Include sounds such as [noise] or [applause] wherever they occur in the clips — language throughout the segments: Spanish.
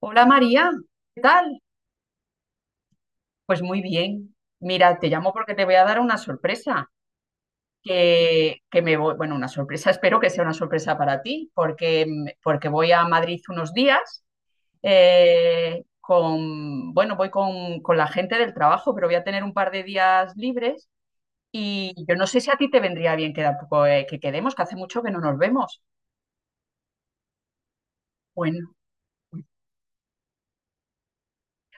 Hola María, ¿qué tal? Pues muy bien. Mira, te llamo porque te voy a dar una sorpresa. Que me voy, bueno, una sorpresa, espero que sea una sorpresa para ti, porque, porque voy a Madrid unos días. Con, bueno, voy con la gente del trabajo, pero voy a tener un par de días libres. Y yo no sé si a ti te vendría bien quedar, poco, que quedemos, que hace mucho que no nos vemos. Bueno.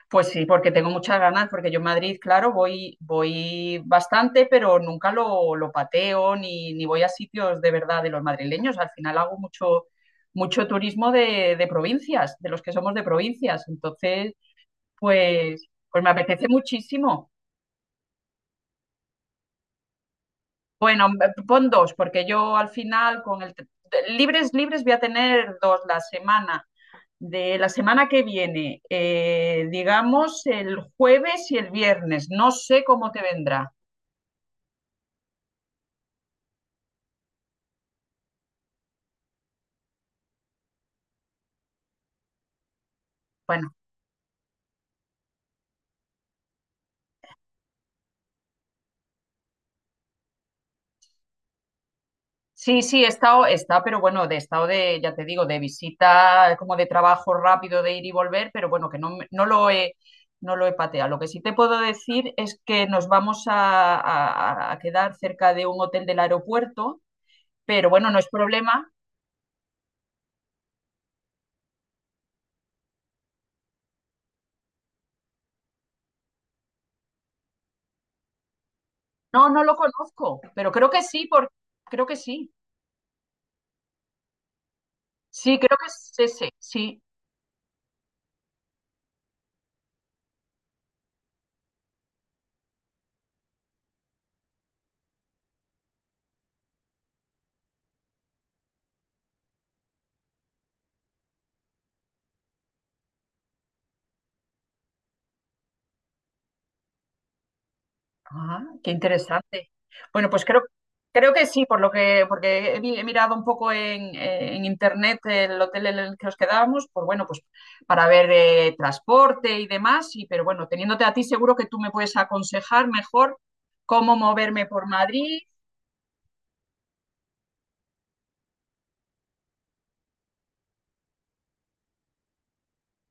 Pues sí, porque tengo muchas ganas, porque yo en Madrid, claro, voy bastante, pero nunca lo pateo ni voy a sitios de verdad de los madrileños. Al final hago mucho, mucho turismo de provincias, de los que somos de provincias. Entonces, pues me apetece muchísimo. Bueno, pon dos, porque yo al final con el… Libres, libres voy a tener dos la semana. De la semana que viene, digamos el jueves y el viernes. No sé cómo te vendrá. Bueno, sí, sí, he estado, he pero bueno, de estado de, ya te digo, de visita, como de trabajo rápido de ir y volver, pero bueno, que no, no lo he, no lo he pateado. Lo que sí te puedo decir es que nos vamos a, a quedar cerca de un hotel del aeropuerto, pero bueno, no es problema. No, no lo conozco, pero creo que sí, porque creo que sí. Sí, creo que es ese, sí. Ah, qué interesante. Bueno, pues creo, creo que sí, por lo que, porque he, he mirado un poco en internet el hotel en el que nos quedábamos, pues bueno, pues para ver transporte y demás, y, pero bueno, teniéndote a ti seguro que tú me puedes aconsejar mejor cómo moverme por Madrid.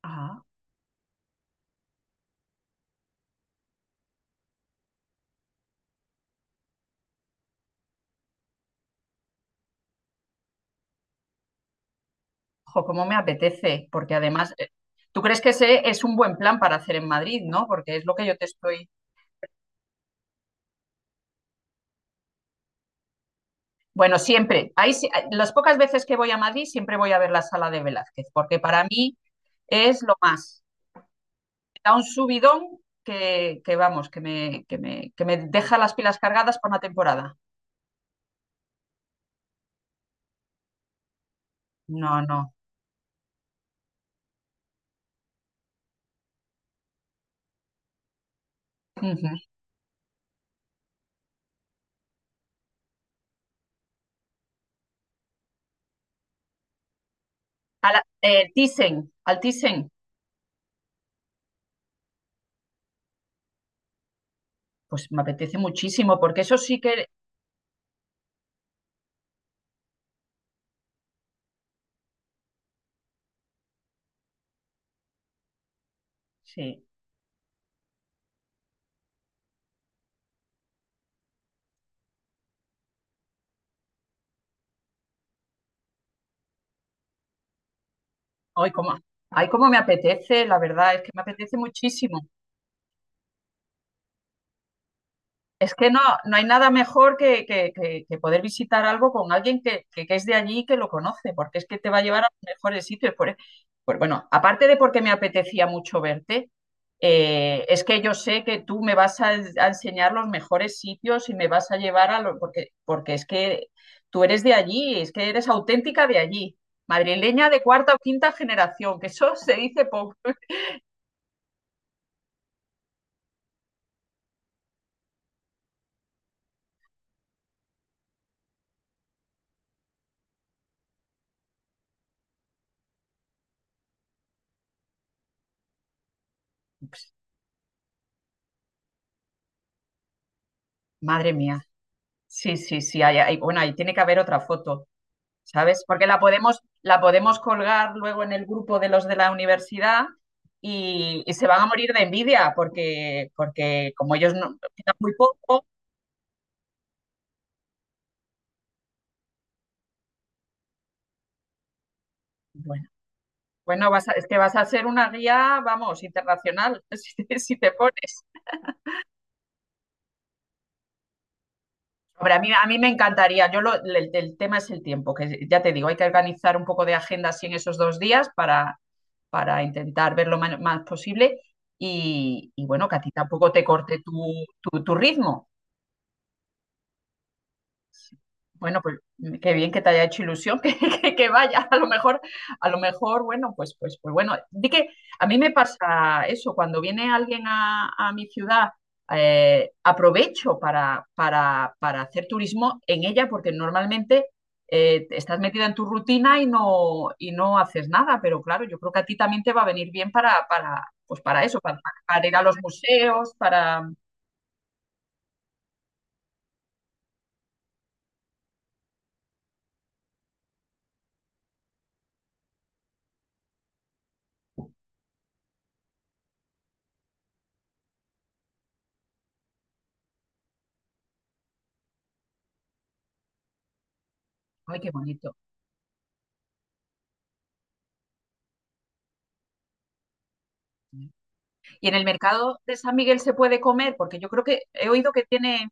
Ah, ojo, cómo me apetece, porque además, tú crees que ese es un buen plan para hacer en Madrid, ¿no? Porque es lo que yo te estoy… Bueno, siempre. Ahí, las pocas veces que voy a Madrid, siempre voy a ver la sala de Velázquez, porque para mí es lo más. Me da un subidón que vamos, que me deja las pilas cargadas para una temporada. No, no. Ujú. Thyssen, al Thyssen, pues me apetece muchísimo, porque eso sí que, sí, hoy como, ay, cómo me apetece, la verdad, es que me apetece muchísimo. Es que no, no hay nada mejor que, que poder visitar algo con alguien que, que es de allí y que lo conoce, porque es que te va a llevar a los mejores sitios. Por, e, bueno, aparte de porque me apetecía mucho verte, es que yo sé que tú me vas a, a enseñar los mejores sitios y me vas a llevar a los… Porque, porque es que tú eres de allí, es que eres auténtica de allí, madrileña de cuarta o quinta generación, que eso se dice poco. Madre mía. Sí, sí, sí. Bueno, ahí tiene que haber otra foto. ¿Sabes? Porque la podemos colgar luego en el grupo de los de la universidad y se van a morir de envidia porque, porque como ellos no, quedan muy poco, bueno, bueno, es que vas a ser una guía, vamos, internacional, [laughs] si te, si te pones. Hombre, a mí me encantaría, yo el tema es el tiempo, que ya te digo, hay que organizar un poco de agenda así en esos dos días para intentar ver lo más, posible y bueno, que a ti tampoco te corte tu, tu ritmo. Bueno, pues qué bien que te haya hecho ilusión [laughs] que vaya. A lo mejor, bueno, pues bueno. Di que a mí me pasa eso, cuando viene alguien a mi ciudad, aprovecho para hacer turismo en ella, porque normalmente estás metida en tu rutina y no haces nada, pero claro, yo creo que a ti también te va a venir bien pues para eso, para ir a los museos, para… ¡Ay, qué bonito! Y en el mercado de San Miguel se puede comer, porque yo creo que he oído que tiene.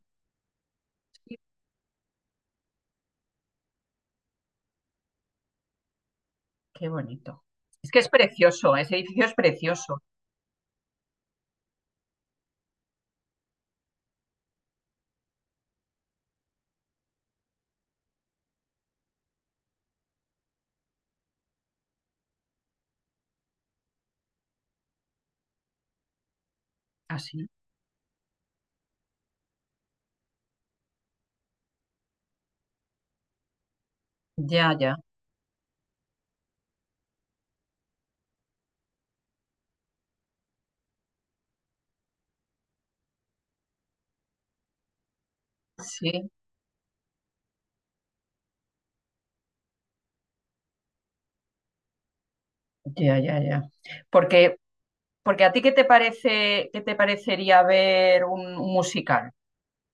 Qué bonito. Es que es precioso, ese edificio es precioso. Así. Ya, ya. Sí, ya, ya, ya. Porque, porque a ti qué te parece, ¿qué te parecería ver un musical?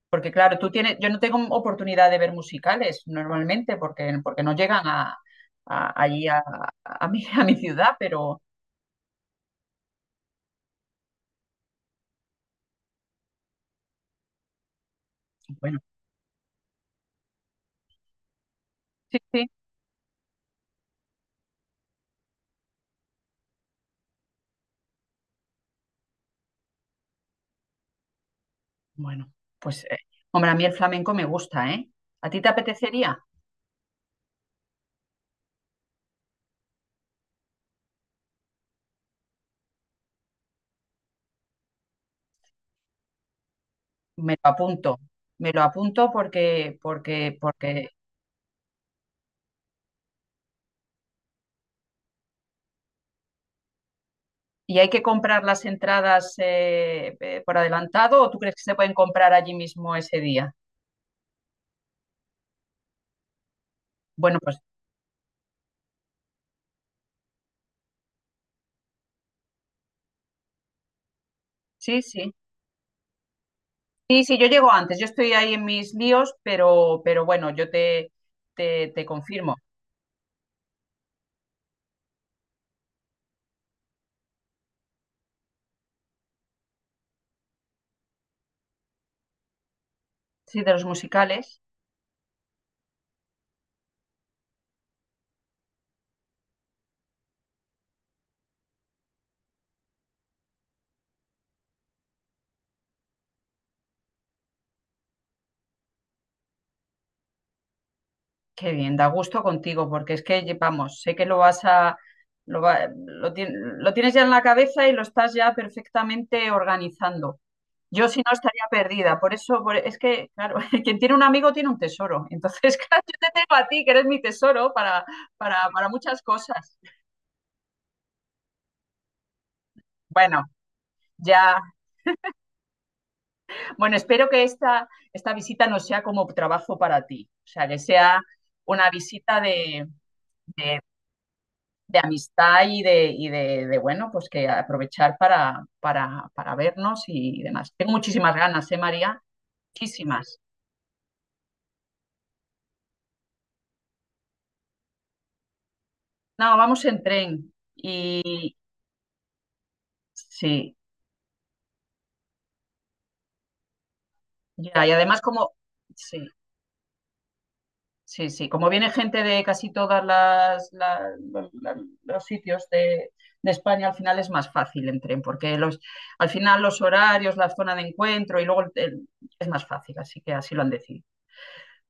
Porque claro, tú tienes, yo no tengo oportunidad de ver musicales normalmente, porque, porque no llegan a, allí a mi, [laughs] a mi ciudad, pero bueno, sí, sí. Bueno, pues, hombre, a mí el flamenco me gusta, ¿eh? ¿A ti te apetecería? Me lo apunto, me lo apunto porque, porque, porque. ¿Y hay que comprar las entradas por adelantado o tú crees que se pueden comprar allí mismo ese día? Bueno, pues sí, sí. Sí, sí, yo llego antes, yo estoy ahí en mis líos, pero bueno, yo te, te confirmo. Sí, de los musicales. Qué bien, da gusto contigo, porque es que, vamos, sé que lo vas a, lo, lo tienes ya en la cabeza y lo estás ya perfectamente organizando. Yo si no estaría perdida, por eso, es que, claro, [laughs] quien tiene un amigo tiene un tesoro. Entonces, [laughs] claro, yo te tengo a ti, que eres mi tesoro para, para muchas cosas. Bueno, ya, bueno, espero que esta visita no sea como trabajo para ti, o sea, que sea una visita de, de de amistad y de, bueno, pues que aprovechar para, para vernos y demás. Tengo muchísimas ganas, ¿eh, María? Muchísimas. No, vamos en tren. Y sí, ya, y además como, sí, sí, sí, como viene gente de casi todas las, las- los sitios de España, al final es más fácil en tren, porque los, al final los horarios, la zona de encuentro y luego es más fácil, así que así lo han decidido.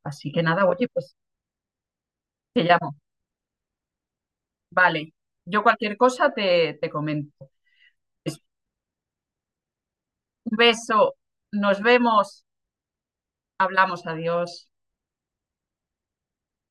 Así que nada, oye, pues te llamo. Vale, yo cualquier cosa te, te comento. Un beso, nos vemos, hablamos, adiós.